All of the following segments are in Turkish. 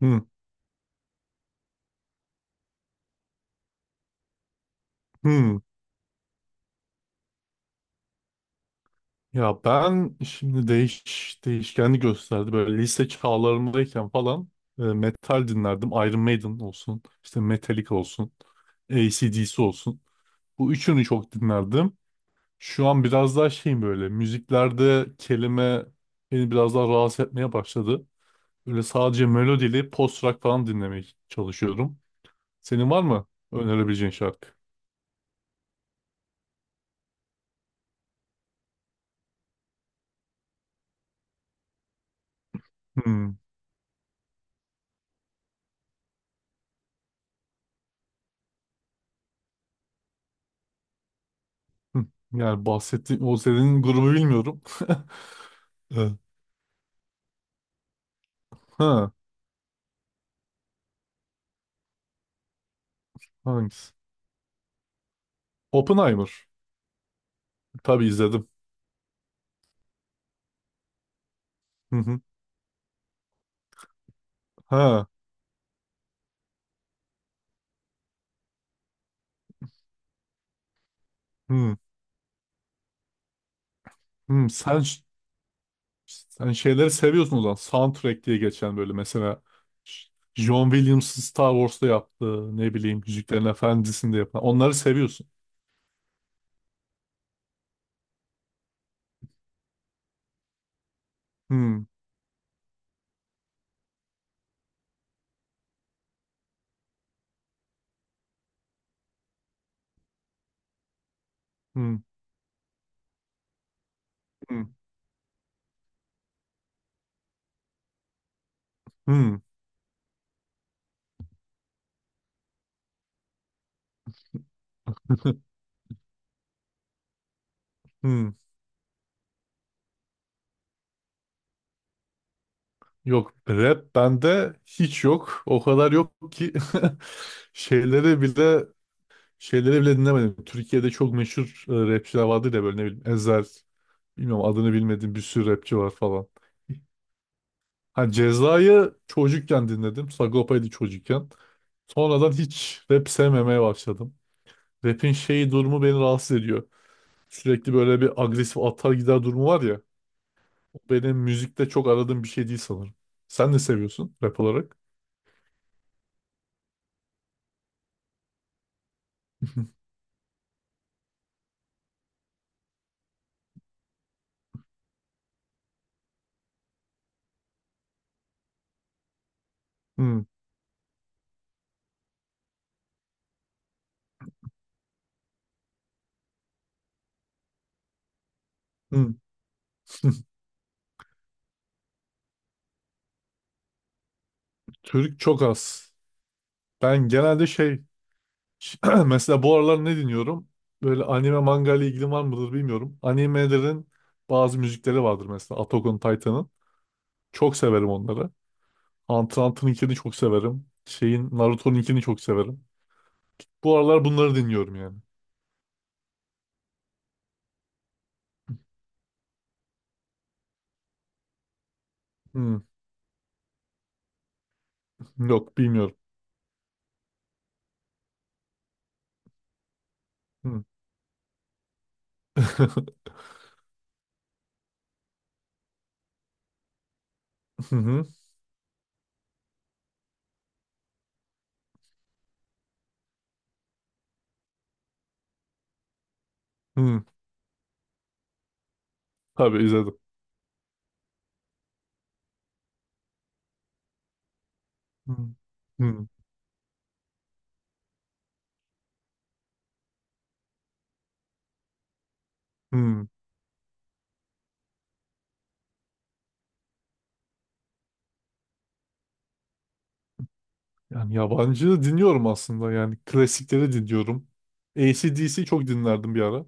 Hı, hı. Ya ben şimdi değişkenli gösterdi. Böyle lise çağlarımdayken falan metal dinlerdim. Iron Maiden olsun, işte Metallica olsun, AC/DC olsun. Bu üçünü çok dinlerdim. Şu an biraz daha şeyim böyle müziklerde kelime beni biraz daha rahatsız etmeye başladı. Böyle sadece melodili post rock falan dinlemeye çalışıyorum. Senin var mı önerebileceğin şarkı? Hmm. Hı. Yani bahsettiğim o senin grubu bilmiyorum. Ha, hangisi? Oppenheimer. Tabii izledim. Hı hı. Ha. Hı. Hı. Sen şeyleri seviyorsun o zaman. Soundtrack diye geçen böyle mesela John Williams'ın Star Wars'ta yaptığı ne bileyim Yüzüklerin Efendisi'nde yapan. Onları seviyorsun. Hı. Hı. Hı. Hı. Hı. Yok, rap bende hiç yok. O kadar yok ki şeyleri bile dinlemedim. Türkiye'de çok meşhur rapçiler vardı da böyle ne bileyim Ezhel, bilmiyorum adını bilmediğim bir sürü rapçi var falan. Ha, Ceza'yı çocukken dinledim. Sagopa'ydı çocukken. Sonradan hiç rap sevmemeye başladım. Rap'in şeyi durumu beni rahatsız ediyor. Sürekli böyle bir agresif atar gider durumu var ya. O benim müzikte çok aradığım bir şey değil sanırım. Sen ne seviyorsun rap olarak? Hmm, hmm. Türk çok az. Ben genelde şey Ş- Mesela bu aralar ne dinliyorum? Böyle anime manga ile ilgili var mıdır bilmiyorum. Animelerin bazı müzikleri vardır mesela Attack on Titan'ın. Çok severim onları. Hunter x Hunter'ınkini çok severim. Şeyin Naruto'nunkini çok severim. Bu aralar bunları dinliyorum yani. Hmm, yok bilmiyorum. Hmm. Hı hı, hı. Tabii izledim. Hı, hı, hı. Yani yabancı dinliyorum aslında, yani klasikleri dinliyorum. AC/DC çok dinlerdim bir ara.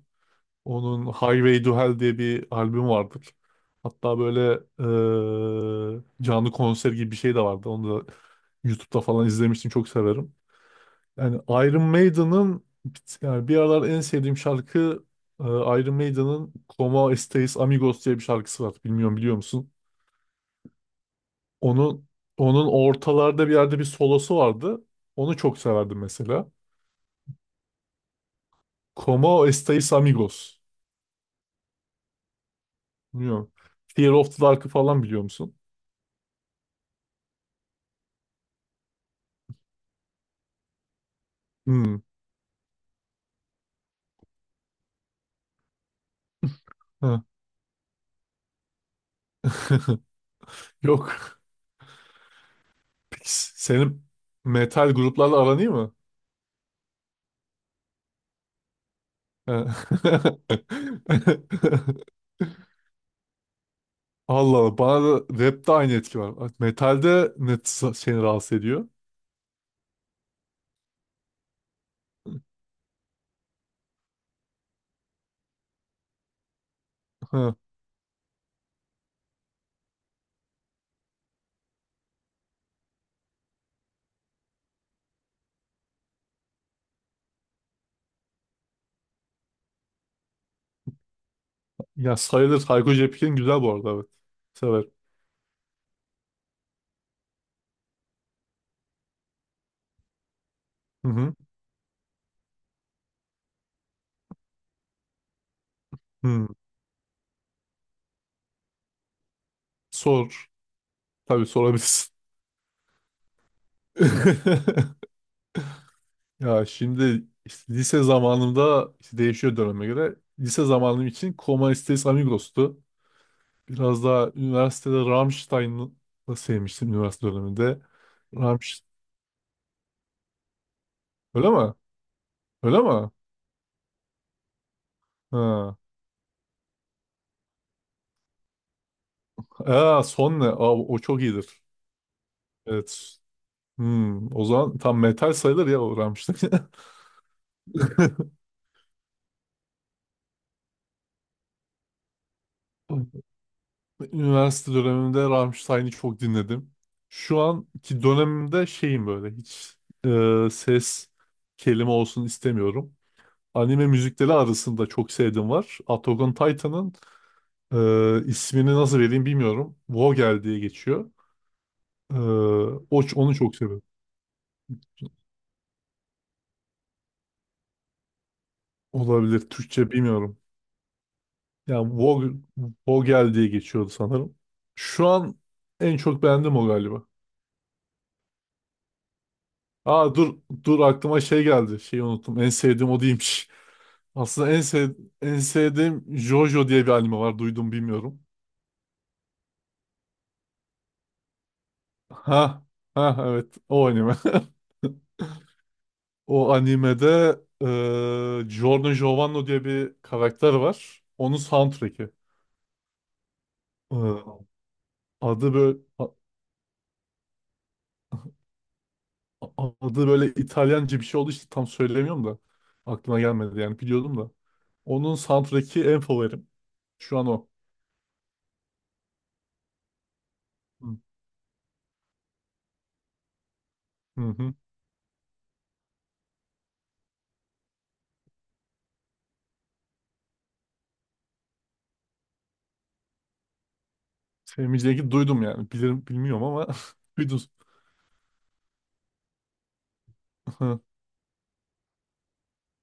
Onun Highway to Hell diye bir albüm vardır. Hatta böyle canlı konser gibi bir şey de vardı. Onu da YouTube'da falan izlemiştim. Çok severim. Yani Iron Maiden'ın yani bir aralar en sevdiğim şarkı Iron Maiden'ın Como Estais Amigos diye bir şarkısı var. Bilmiyorum, biliyor musun? Onun onun ortalarda bir yerde bir solosu vardı. Onu çok severdim mesela. Como Estais Amigos. Bilmiyorum. Fear of the Dark'ı falan biliyor musun? Hmm. Yok. Peki, senin metal gruplarla aran iyi mi? He. Allah Allah. Bana da rapte aynı etki var. Metalde ne seni rahatsız ediyor? He. Ya, sayılır. Hayko Cepkin güzel bu arada, evet. Severim. Hı hı. Hı. Sor. Tabii sorabilirsin. Ya şimdi işte lise zamanımda işte değişiyor döneme göre. Lise zamanım için Coma Estes Amigos'tu. Biraz daha üniversitede Rammstein'ı sevmiştim üniversite döneminde. Rammstein. Öyle mi? Öyle mi? Ha. Aa, son ne? Aa, o çok iyidir. Evet. Hmm, o zaman tam metal sayılır ya o Rammstein. Üniversite dönemimde Rammstein'i çok dinledim. Şu anki dönemimde şeyim böyle hiç ses kelime olsun istemiyorum. Anime müzikleri arasında çok sevdiğim var. Attack on Titan'ın. İsmini nasıl vereyim bilmiyorum. Vogel diye geçiyor. Ee, onu çok seviyorum. Olabilir. Türkçe bilmiyorum. Yani Vogel, Vogel diye geçiyordu sanırım. Şu an en çok beğendim o galiba. Aa, dur dur, aklıma şey geldi. Şeyi unuttum. En sevdiğim o değilmiş. Aslında en sevdiğim Jojo diye bir anime var. Duydum bilmiyorum. Ha ha, evet, o anime. O animede Giorno Giovanni diye bir karakter var. Onun soundtrack'i. Eee, adı böyle a- adı böyle İtalyanca bir şey oldu işte tam söyleyemiyorum da aklıma gelmedi yani biliyordum da. Onun soundtrack'i en favorim. Şu an o. Hı hı. Hı. Sevmeyeceğini duydum yani. Bilirim bilmiyorum ama duydum. Hı.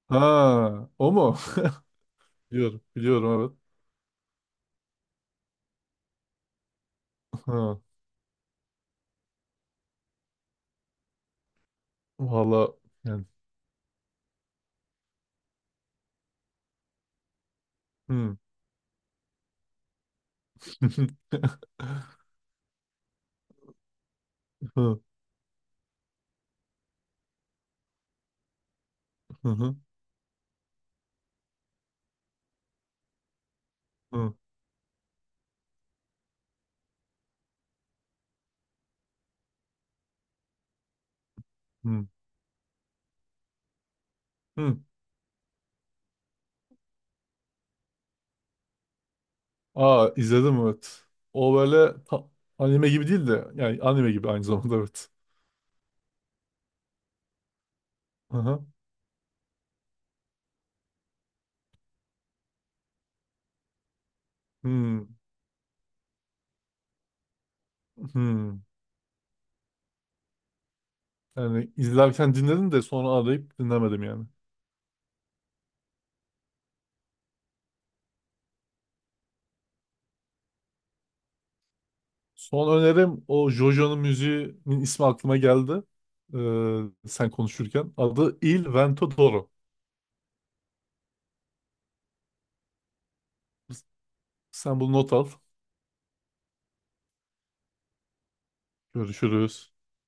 Ha, o mu? Biliyorum, biliyorum, evet. Ha. Valla yani. Hı. Hı hı hı. Hı. Hı. Hı. Aa, izledim evet. O böyle ta- anime gibi değil de yani anime gibi aynı zamanda evet. Aha. Hmm, hmm. Yani izlerken dinledim de sonra arayıp dinlemedim yani. Son önerim o JoJo'nun müziğinin ismi aklıma geldi. Sen konuşurken. Adı Il Vento d'Oro. Sen bunu not al. Görüşürüz.